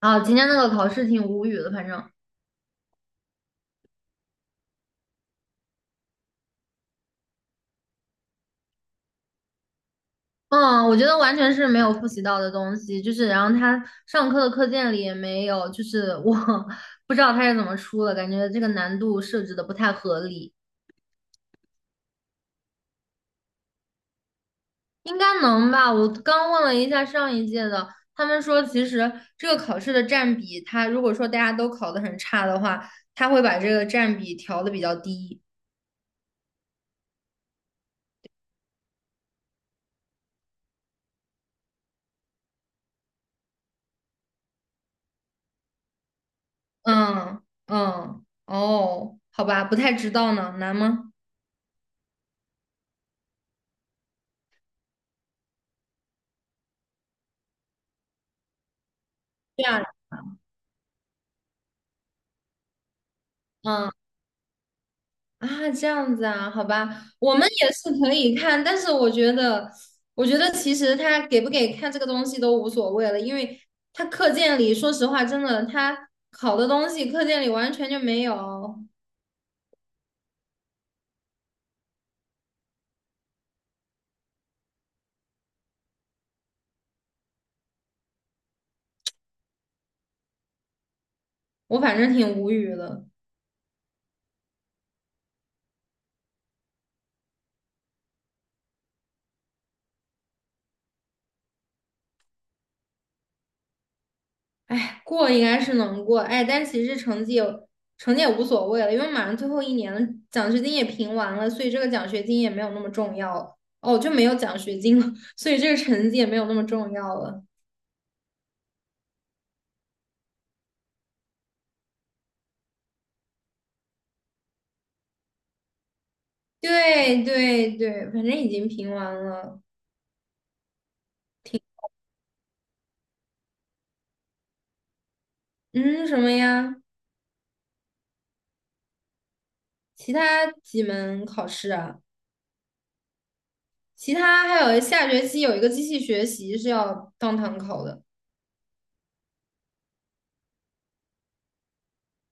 啊，今天那个考试挺无语的，反正，嗯，我觉得完全是没有复习到的东西，就是，然后他上课的课件里也没有，就是我 不知道他是怎么出的，感觉这个难度设置的不太合理，应该能吧？我刚问了一下上一届的，他们说其实这个考试的占比，他如果说大家都考的很差的话，他会把这个占比调的比较低。嗯嗯，哦，好吧，不太知道呢，难吗？对啊，嗯。啊，这样子啊，好吧，我们也是可以看，但是我觉得，我觉得其实他给不给看这个东西都无所谓了，因为他课件里，说实话，真的他考的东西课件里完全就没有，我反正挺无语的。哎，过应该是能过，哎，但其实成绩也无所谓了，因为马上最后一年了，奖学金也评完了，所以这个奖学金也没有那么重要了，哦，就没有奖学金了，所以这个成绩也没有那么重要了。对对对，反正已经评完了。嗯，什么呀？其他几门考试啊？其他还有下学期有一个机器学习是要当堂考的。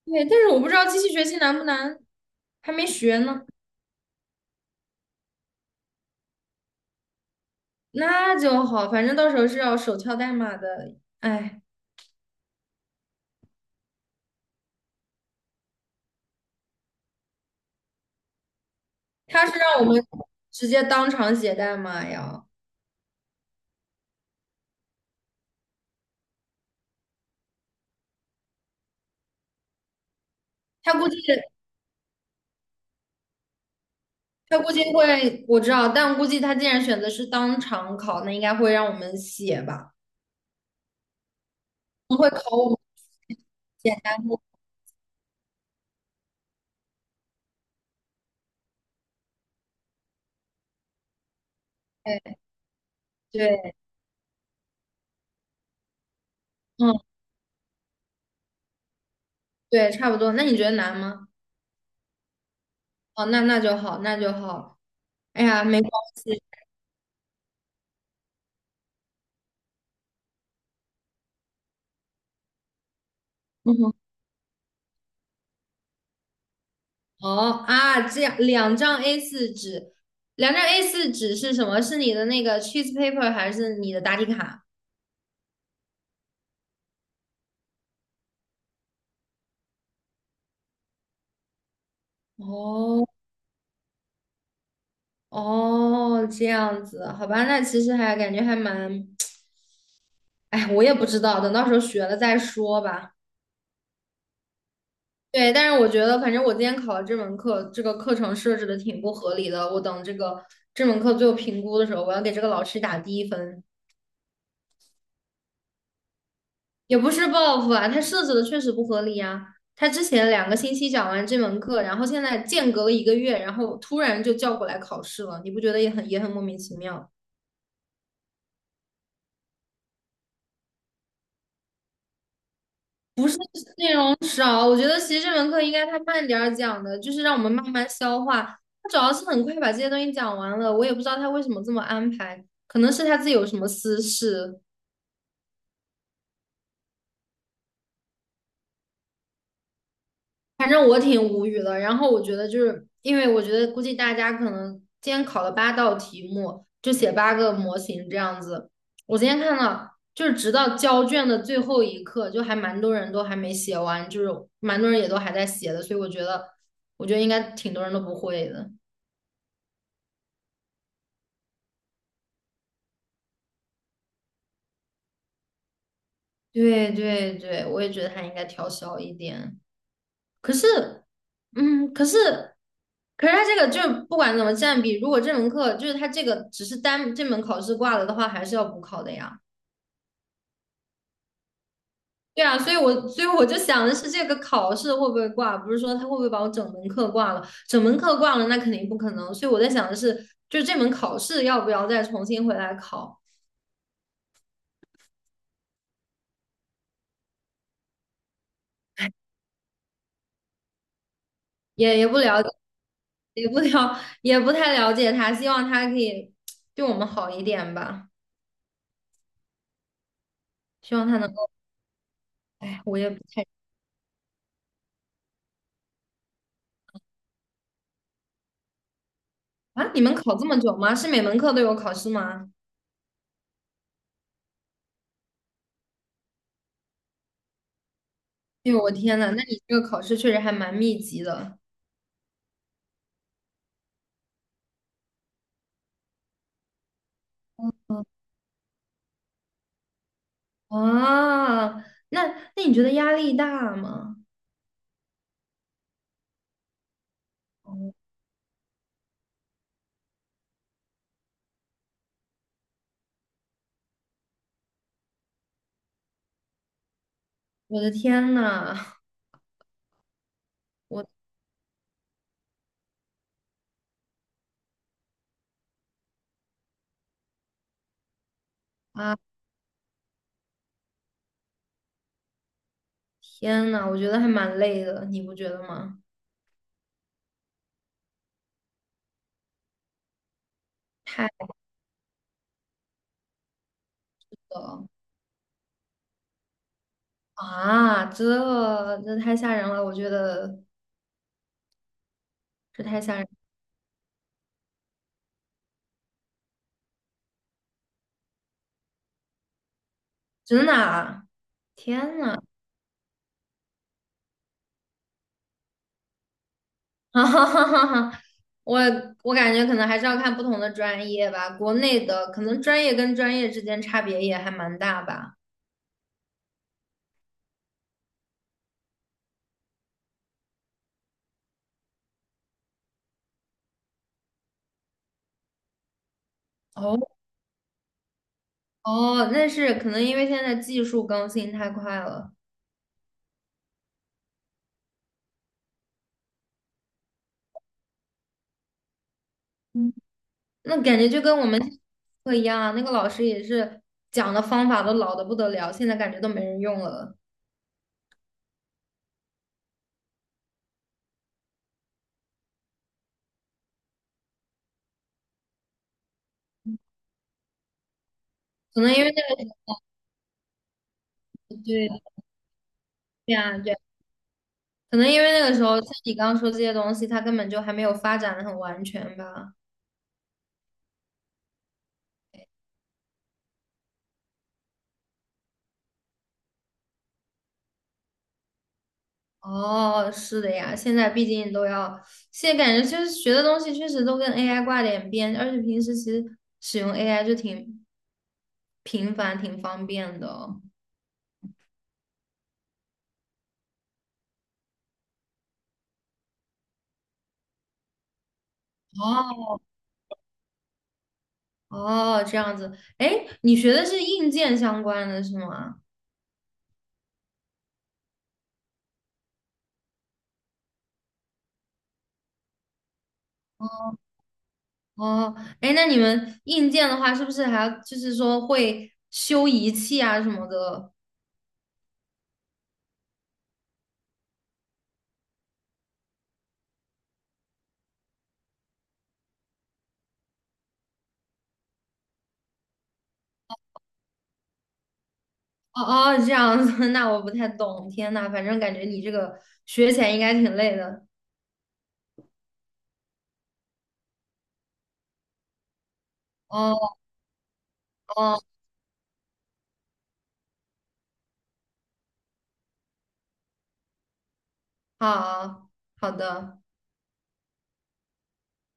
对，但是我不知道机器学习难不难，还没学呢。那就好，反正到时候是要手敲代码的。哎，他是让我们直接当场写代码呀。他估计他估计会，我知道，但估计他既然选择是当场考，那应该会让我们写吧。会考我们。简单过，对对，嗯，对，差不多。那你觉得难吗？哦，那那就好，那就好。哎呀，没关系。嗯哼，哦啊，这样两张 a 四纸，两张 a 四纸是什么？是你的那个 cheese paper 还是你的答题卡？哦哦，这样子，好吧，那其实还感觉还蛮，哎，我也不知道，等到时候学了再说吧。对，但是我觉得，反正我今天考了这门课，这个课程设置的挺不合理的。我等这个这门课最后评估的时候，我要给这个老师打低分，也不是报复啊，他设置的确实不合理啊。他之前两个星期讲完这门课，然后现在间隔了一个月，然后突然就叫过来考试了，你不觉得也很莫名其妙？不是内容少，我觉得其实这门课应该他慢点儿讲的，就是让我们慢慢消化。他主要是很快把这些东西讲完了，我也不知道他为什么这么安排，可能是他自己有什么私事，反正我挺无语的。然后我觉得就是因为我觉得估计大家可能今天考了八道题目，就写八个模型这样子。我今天看到就是直到交卷的最后一刻，就还蛮多人都还没写完，就是蛮多人也都还在写的，所以我觉得应该挺多人都不会的。对对对，我也觉得他应该调小一点。可是，嗯，可是，可是他这个就是不管怎么占比，如果这门课就是他这个只是单这门考试挂了的话，还是要补考的呀。对啊，所以我就想的是，这个考试会不会挂，不是说他会不会把我整门课挂了？整门课挂了，那肯定不可能。所以我在想的是，就是这门考试要不要再重新回来考，也不了解，也不太了解他，希望他可以对我们好一点吧。希望他能够，哎，我也不太啊，你们考这么久吗？是每门课都有考试吗？哎呦，我天呐，那你这个考试确实还蛮密集的嗯啊。那那你觉得压力大吗？哦，我的天呐，我啊天呐，我觉得还蛮累的，你不觉得吗？太累了啊，这这太吓人了，我觉得这太吓人，真的啊，天呐！哈哈哈哈哈！我我感觉可能还是要看不同的专业吧，国内的可能专业跟专业之间差别也还蛮大吧。哦哦，那是可能因为现在技术更新太快了，嗯那感觉就跟我们 课一样啊，那个老师也是讲的方法都老的不得了，现在感觉都没人用了。可能因为那个时候对对呀对，可能因为那个时候像你刚刚说这些东西，它根本就还没有发展的很完全吧。哦，是的呀，现在毕竟都要，现在感觉就是学的东西确实都跟 AI 挂点边，而且平时其实使用 AI 就挺频繁、挺方便的哦。哦哦，这样子，哎，你学的是硬件相关的是吗？哦，哎，那你们硬件的话，是不是还要就是说会修仪器啊什么的？哦哦，这样子，那我不太懂。天呐，反正感觉你这个学起来应该挺累的。哦哦，好好的。